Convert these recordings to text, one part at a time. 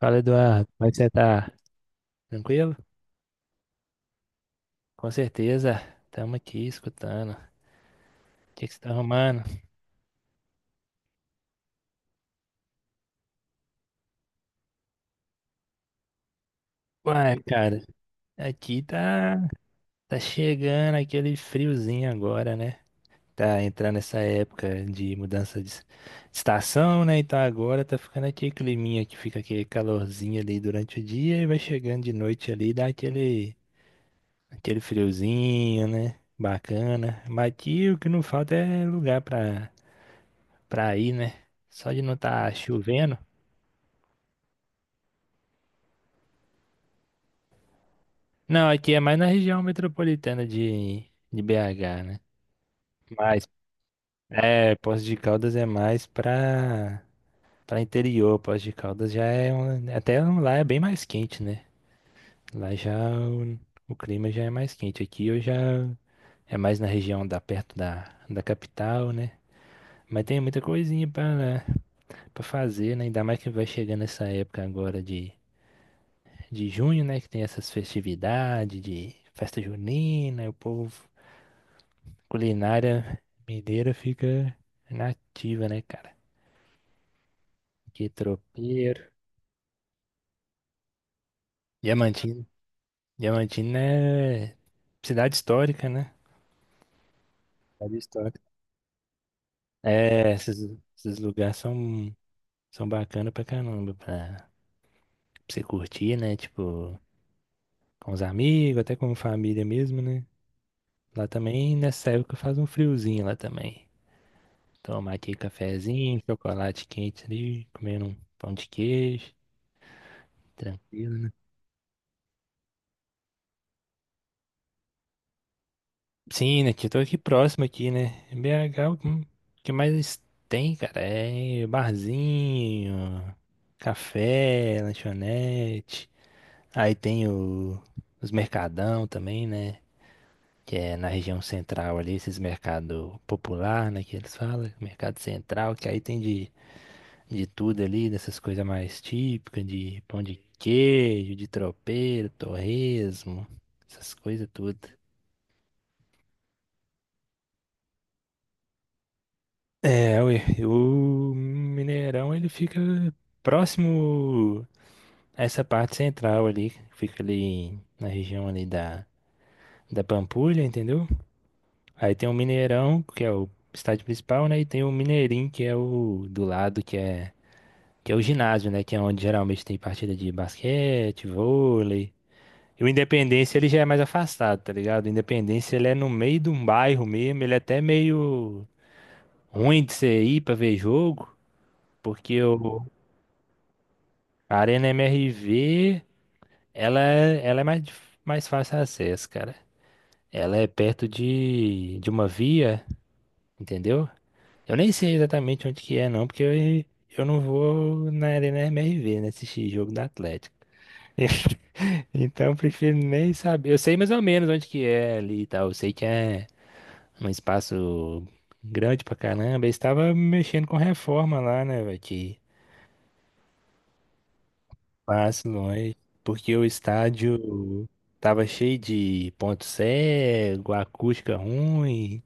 Fala, Eduardo. Como é que você tá? Tranquilo? Com certeza. Estamos aqui escutando. O que que você tá arrumando? Uai, cara, aqui tá chegando aquele friozinho agora, né? Tá entrando essa época de mudança de estação, né? Então agora tá ficando aquele climinha que fica aquele calorzinho ali durante o dia e vai chegando de noite ali, dá aquele friozinho, né? Bacana. Mas aqui o que não falta é lugar pra ir, né? Só de não estar chovendo. Não, aqui é mais na região metropolitana de BH, né? Mas, é, Poços de Caldas é mais pra interior. Poços de Caldas já é. Lá é bem mais quente, né? Lá já o, o clima já é mais quente. Aqui eu já. É mais na região da perto da capital, né? Mas tem muita coisinha pra fazer, né? Ainda mais que vai chegando essa época agora de junho, né? Que tem essas festividades de festa junina, e o povo. Culinária mineira fica nativa, né, cara? Que tropeiro. Diamantino. Diamantino é cidade histórica, né? Cidade histórica. É, esses lugares são bacanas pra caramba, pra você curtir, né? Tipo, com os amigos, até com família mesmo, né? Lá também, nessa época, faz um friozinho lá também. Tomar aqui cafezinho, chocolate quente ali, comer um pão de queijo, tranquilo, né? Sim, né? Tio? Eu tô aqui próximo aqui, né? BH, o que mais tem, cara? É barzinho, café, lanchonete. Aí tem os mercadão também, né? Que é na região central ali, esses mercado popular, né? Que eles falam, mercado central, que aí tem de tudo ali, dessas coisas mais típicas, de pão de queijo, de tropeiro, torresmo, essas coisas tudo. É, ué, o Mineirão ele fica próximo a essa parte central ali, fica ali na região ali da Pampulha, entendeu? Aí tem o Mineirão, que é o estádio principal, né? E tem o Mineirinho, que é o do lado, que é o ginásio, né? Que é onde geralmente tem partida de basquete, vôlei. E o Independência ele já é mais afastado, tá ligado? O Independência ele é no meio de um bairro mesmo, ele é até meio ruim de você ir pra ver jogo. Porque o, A Arena MRV, ela é mais fácil acesso, cara. Ela é perto de uma via, entendeu? Eu nem sei exatamente onde que é, não, porque eu não vou na Arena MRV, né, assistir jogo da Atlético. Então, eu prefiro nem saber. Eu sei mais ou menos onde que é ali e tal. Eu sei que é um espaço grande pra caramba. Eles estavam mexendo com reforma lá, né, velho? Passo longe, porque o estádio tava cheio de ponto cego, acústica ruim.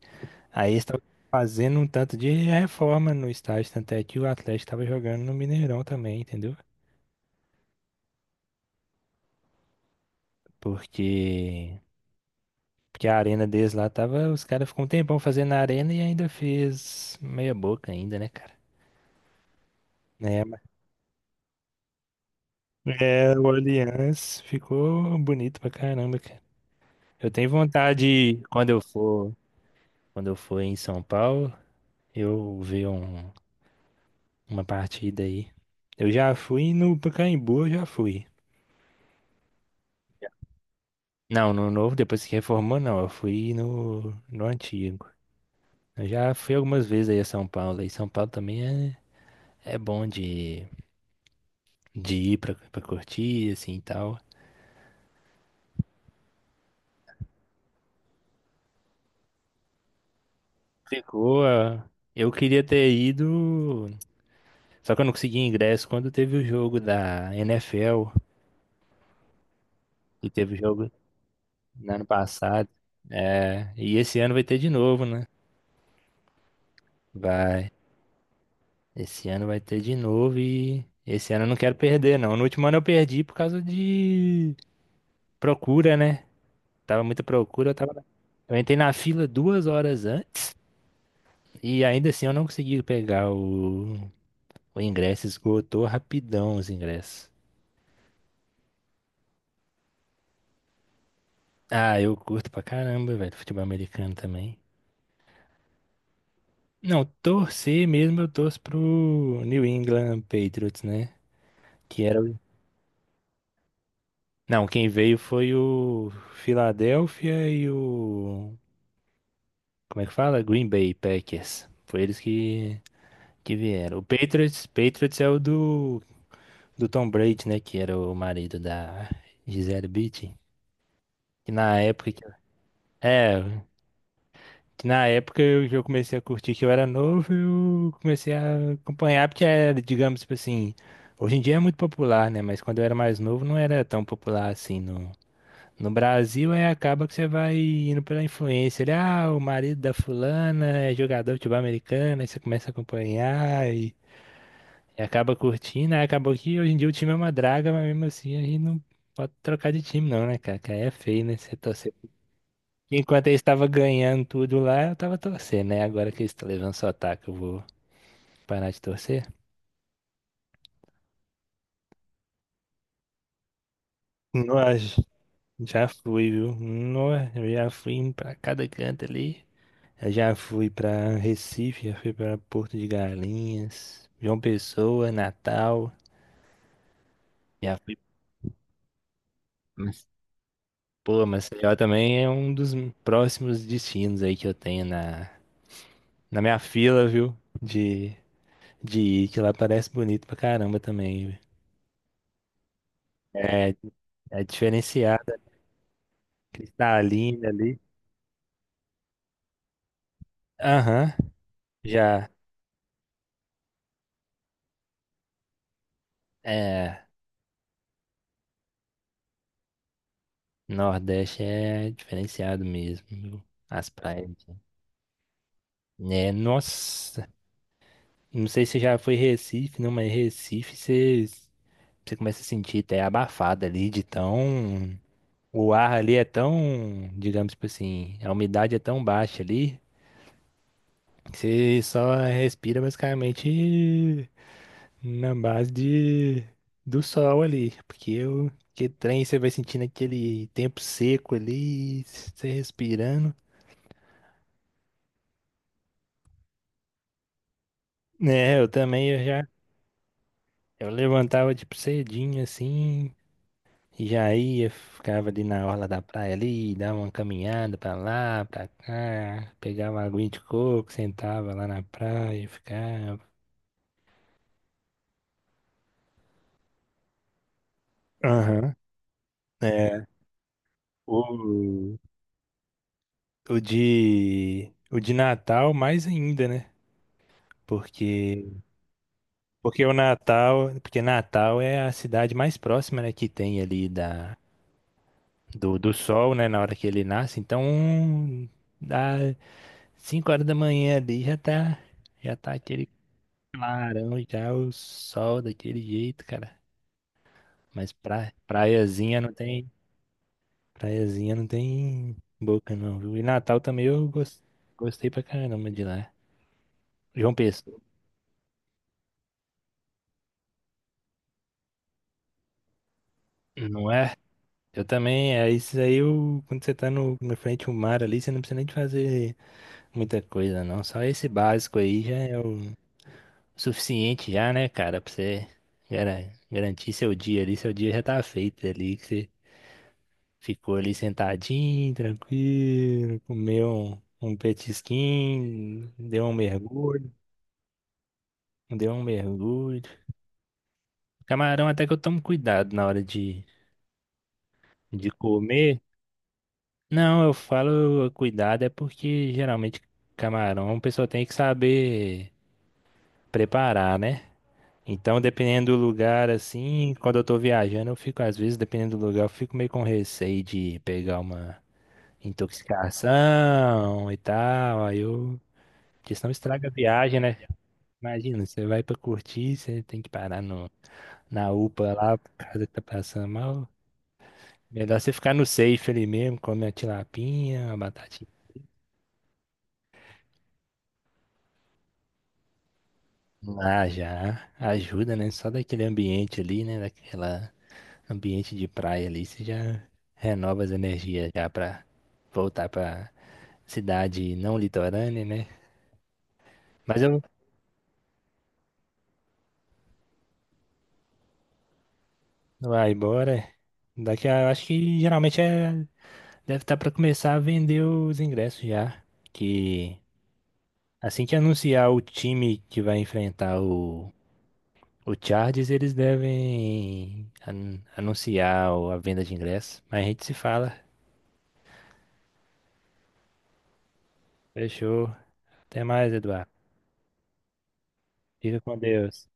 Aí eles estavam fazendo um tanto de reforma no estádio, tanto é que o Atlético tava jogando no Mineirão também, entendeu? Porque, porque a arena deles lá tava, os caras ficam um tempão fazendo a arena e ainda fez meia boca ainda, né, cara? É, mas- é, o Allianz ficou bonito pra caramba, cara. Eu tenho vontade, quando eu for em São Paulo, eu vi uma partida aí. Eu já fui no Pacaembu, eu já fui. Não, no novo, depois que reformou, não. Eu fui no antigo. Eu já fui algumas vezes aí a São Paulo. E São Paulo também é bom de ir pra curtir, assim e tal. Ficou. Ah, eu queria ter ido. Só que eu não consegui ingresso quando teve o jogo da NFL. E teve o jogo no ano passado. É, e esse ano vai ter de novo, né? Vai. Esse ano vai ter de novo e esse ano eu não quero perder, não. No último ano eu perdi por causa de procura, né? Tava muita procura, eu tava. Eu entrei na fila 2 horas antes e ainda assim eu não consegui pegar o ingresso, esgotou rapidão os ingressos. Ah, eu curto pra caramba, velho, futebol americano também. Não, torcer mesmo eu torço pro New England Patriots, né? Que era o... Não, quem veio foi o Philadelphia e o... Como é que fala? Green Bay Packers. Foi eles que vieram. O Patriots é o do Tom Brady, né? Que era o marido da Gisele Bündchen. Que na época que, é, que na época eu, que eu comecei a curtir que eu era novo, eu comecei a acompanhar, porque era, digamos, tipo assim, hoje em dia é muito popular, né? Mas quando eu era mais novo não era tão popular assim no Brasil, é acaba que você vai indo pela influência. O marido da fulana é jogador de futebol americano, aí você começa a acompanhar e acaba curtindo. Aí acabou que hoje em dia o time é uma draga, mas mesmo assim a gente não pode trocar de time, não, né, cara? Que aí é feio, né? Você torcer. Enquanto eu estava ganhando tudo lá, eu tava torcendo, né? Agora que eles estão levando só ataque, eu vou parar de torcer. Nossa, já fui, viu? Nossa, eu já fui pra cada canto ali. Eu já fui pra Recife, já fui pra Porto de Galinhas, João Pessoa, Natal. Já fui. Mas, pô, Maceió também é um dos próximos destinos aí que eu tenho na minha fila, viu? De, de ir, que lá parece bonito pra caramba também. Viu? É, é diferenciada, cristalina ali. Aham, já. É, Nordeste é diferenciado mesmo, viu? As praias, né? É, nossa. Não sei se já foi Recife, não, mas Recife você começa a sentir até abafado ali de tão. O ar ali é tão, digamos tipo assim, a umidade é tão baixa ali que você só respira basicamente na base do sol ali. Porque o que trem você vai sentindo aquele tempo seco ali, você respirando. É, eu também, eu levantava tipo cedinho assim. Já ia, ficava ali na orla da praia ali, dava uma caminhada pra lá, pra cá, pegava uma aguinha de coco, sentava lá na praia, ficava. Aham. É, o, o de Natal mais ainda, né? Porque, porque Natal é a cidade mais próxima, né, que tem ali do sol, né, na hora que ele nasce. Então, dá 5 horas da manhã ali já tá, aquele clarão, já o sol daquele jeito, cara. Mas praiazinha não tem boca não, viu? E Natal também eu gostei pra caramba de lá. João Pessoa, não é? Eu também, é isso aí, eu, quando você tá no, na frente do mar ali, você não precisa nem de fazer muita coisa não. Só esse básico aí já é o suficiente já, né, cara, pra você garantir seu dia ali, seu dia já tá feito ali. Ficou ali sentadinho, tranquilo, comeu um petisquinho, deu um mergulho. Camarão até que eu tomo cuidado na hora de comer. Não, eu falo cuidado é porque geralmente camarão a pessoa tem que saber preparar, né? Então, dependendo do lugar, assim, quando eu tô viajando, eu fico, às vezes, dependendo do lugar, eu fico meio com receio de pegar uma intoxicação e tal. Aí eu. Porque senão estraga a viagem, né? Imagina, você vai pra curtir, você tem que parar no, na UPA lá, por causa que tá passando mal. Melhor você ficar no safe ali mesmo, comer uma tilapinha, uma batatinha. Ah, já ajuda, né? Só daquele ambiente ali, né? Daquela ambiente de praia ali, você já renova as energias já pra voltar pra cidade não litorânea, né? Mas eu, vai embora. Daqui a, acho que geralmente é. Deve estar para começar a vender os ingressos já. Que assim que anunciar o time que vai enfrentar o Chargers, eles devem anunciar a venda de ingressos. Mas a gente se fala. Fechou. Até mais, Eduardo. Fica com Deus.